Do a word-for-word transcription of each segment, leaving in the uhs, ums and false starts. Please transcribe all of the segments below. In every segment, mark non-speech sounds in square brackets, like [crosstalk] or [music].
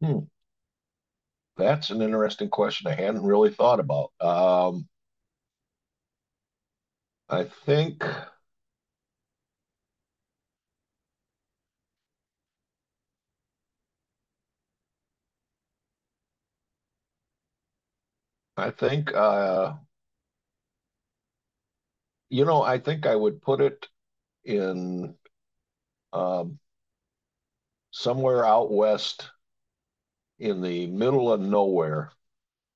Hmm, that's an interesting question I hadn't really thought about. Um, I think, I think, uh, you know, I think I would put it in um, somewhere out west in the middle of nowhere,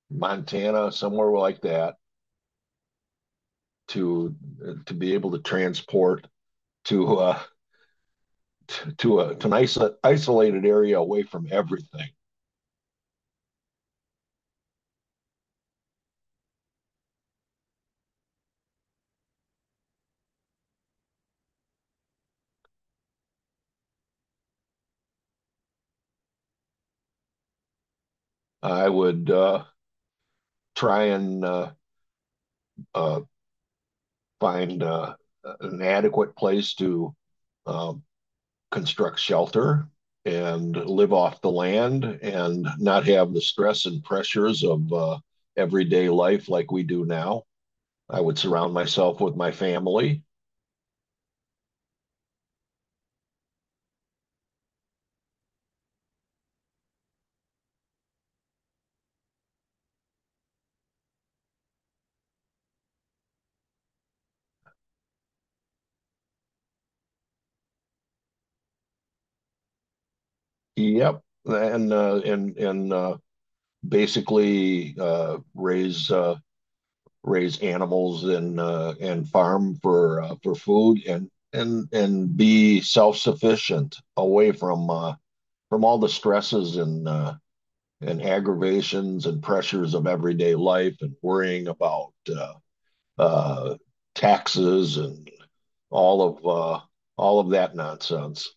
Montana, somewhere like that, to to be able to transport to uh, t- to a to an iso isolated area away from everything. I would uh, try and uh, uh, find uh, an adequate place to uh, construct shelter and live off the land and not have the stress and pressures of uh, everyday life like we do now. I would surround myself with my family. Yep, and uh, and and uh, basically uh, raise uh, raise animals and uh, and farm for uh, for food and and and be self-sufficient away from uh, from all the stresses and uh, and aggravations and pressures of everyday life and worrying about uh, uh, taxes and all of uh, all of that nonsense.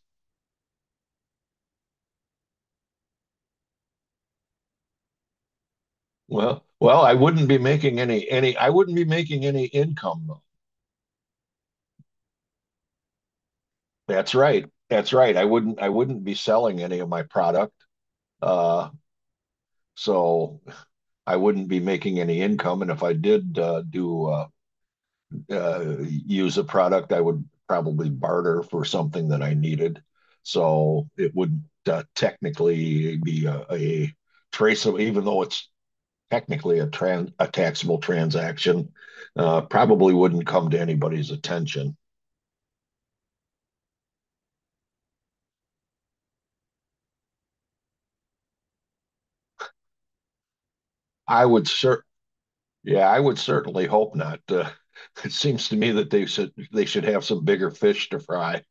Well, well, I wouldn't be making any any I wouldn't be making any income though. That's right. That's right. I wouldn't I wouldn't be selling any of my product. Uh, so I wouldn't be making any income. And if I did uh, do uh, uh, use a product, I would probably barter for something that I needed. So it wouldn't technically be a a traceable, even though it's technically a trans, a taxable transaction, uh, probably wouldn't come to anybody's attention. I would cer- yeah, I would certainly hope not. Uh, It seems to me that they should they should have some bigger fish to fry.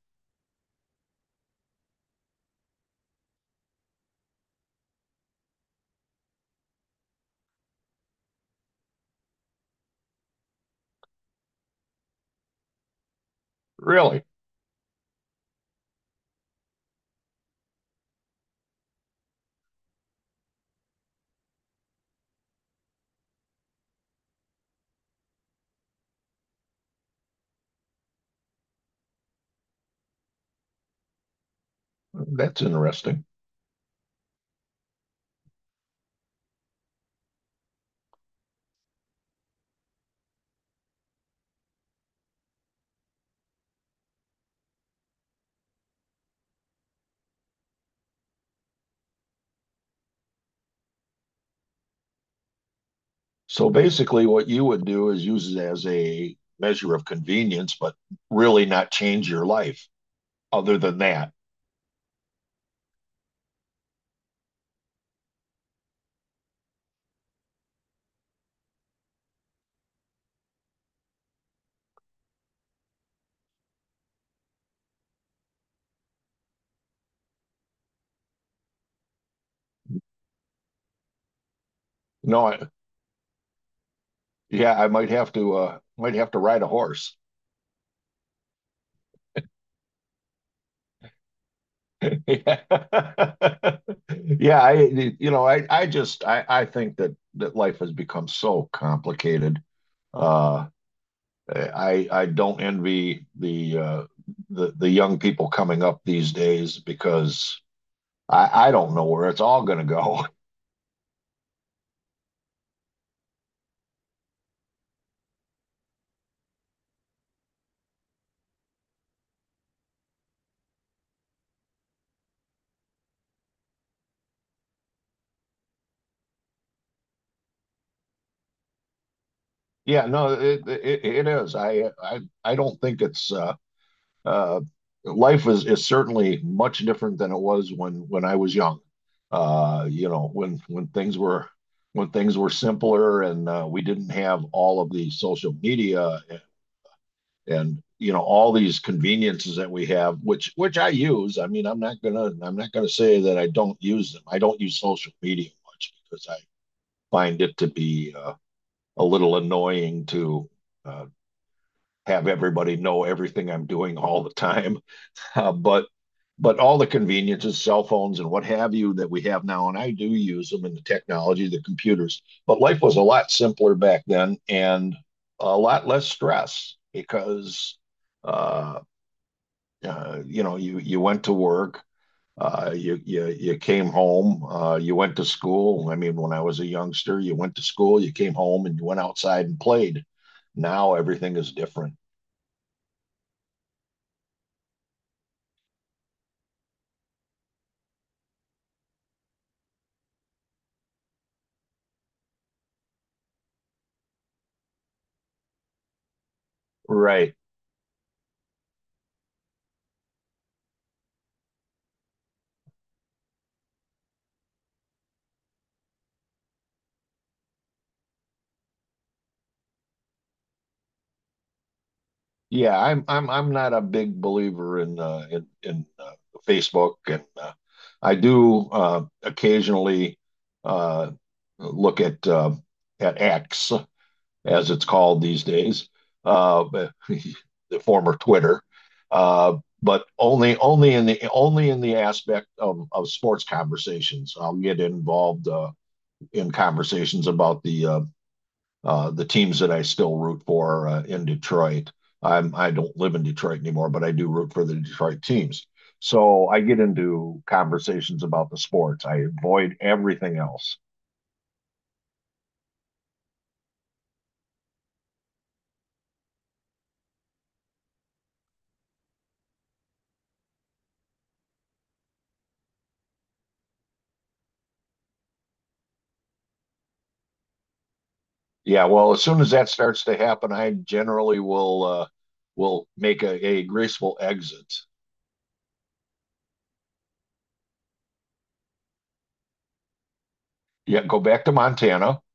Really? That's interesting. So basically, what you would do is use it as a measure of convenience, but really not change your life other than that. No, I, yeah, I might have to uh might have to ride a horse. [laughs] Yeah, I you know, I I just I I think that that life has become so complicated. Uh I I don't envy the uh the the young people coming up these days because I I don't know where it's all going to go. Yeah, no, it, it it is. I I I don't think it's uh uh life is is certainly much different than it was when when I was young. Uh, you know, when when things were when things were simpler and uh, we didn't have all of the social media and, and you know all these conveniences that we have, which which I use. I mean, I'm not gonna I'm not gonna say that I don't use them. I don't use social media much because I find it to be uh, a little annoying to. Uh, have everybody know everything I'm doing all the time. [laughs] Uh, but but all the conveniences, cell phones and what have you that we have now, and I do use them in the technology, the computers. But life was a lot simpler back then and a lot less stress because uh, uh, you know you you went to work, uh, you you you came home, uh, you went to school. I mean, when I was a youngster, you went to school, you came home, and you went outside and played. Now everything is different. Right. Yeah, I'm I'm I'm not a big believer in uh, in in uh, Facebook, and uh, I do uh, occasionally uh, look at uh, at X as it's called these days, uh, but- [laughs] the former Twitter, uh, but only only in the only in the aspect of, of sports conversations. I'll get involved uh, in conversations about the uh, uh, the teams that I still root for uh, in Detroit. I'm, I don't live in Detroit anymore, but I do root for the Detroit teams. So I get into conversations about the sports. I avoid everything else. Yeah, well, as soon as that starts to happen, I generally will uh, will make a, a graceful exit. Yeah, go back to Montana. [laughs]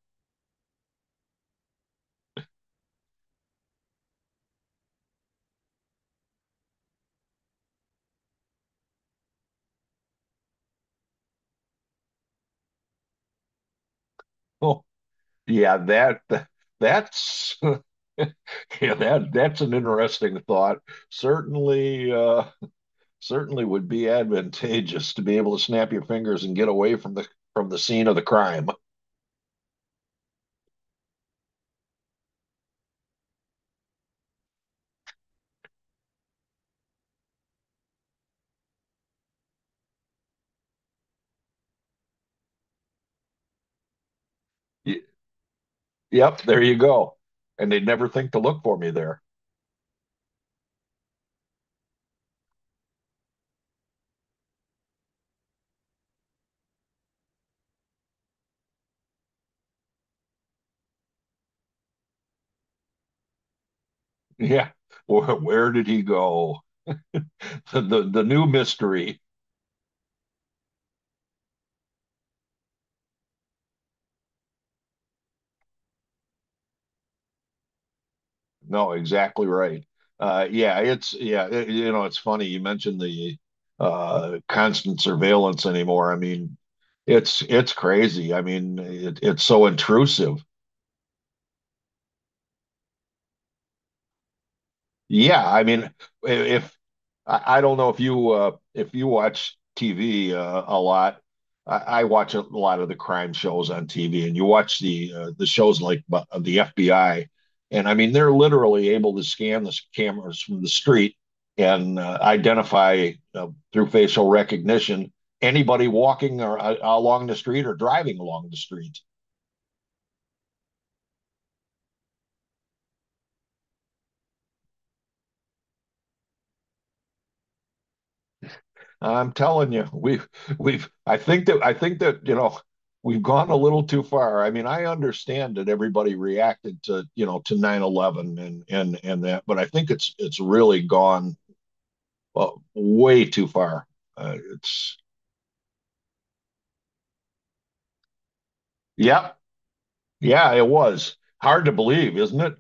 Oh, yeah, that that's [laughs] yeah, that that's an interesting thought. Certainly, uh, certainly would be advantageous to be able to snap your fingers and get away from the from the scene of the crime. Yep, there you go. And they'd never think to look for me there. Yeah. Where, where did he go? The, the the new mystery. No, exactly right. Uh yeah, it's yeah, it- you know, it's funny you mentioned the uh constant surveillance anymore. I mean, it's it's crazy. I mean, it, it's so intrusive. Yeah, I mean, I- if I, I don't know if you uh, if you watch T V uh, a lot, I, I watch a lot of the crime shows on T V, and you watch the uh, the shows like bu- of the F B I, and I mean they're literally able to scan the s- cameras from the street and uh, identify uh, through facial recognition anybody walking or uh, along the street or driving along the street. I'm telling you, we've we've I think that I think that, you know, we've gone a little too far. I mean, I understand that everybody reacted to, you know, to nine eleven and and and that, but I think it's it's really gone uh, way too far. Uh, it's yep, yeah, it was hard to believe, isn't it?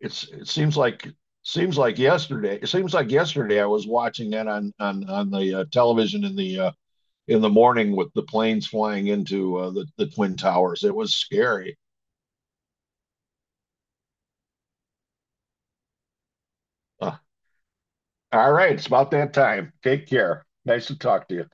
It's it seems like seems like yesterday. It seems like yesterday I was watching that on on on the uh, television in the uh, in the morning with the planes flying into uh, the, the Twin Towers. It was scary. Uh, all right, it's about that time. Take care. Nice to talk to you.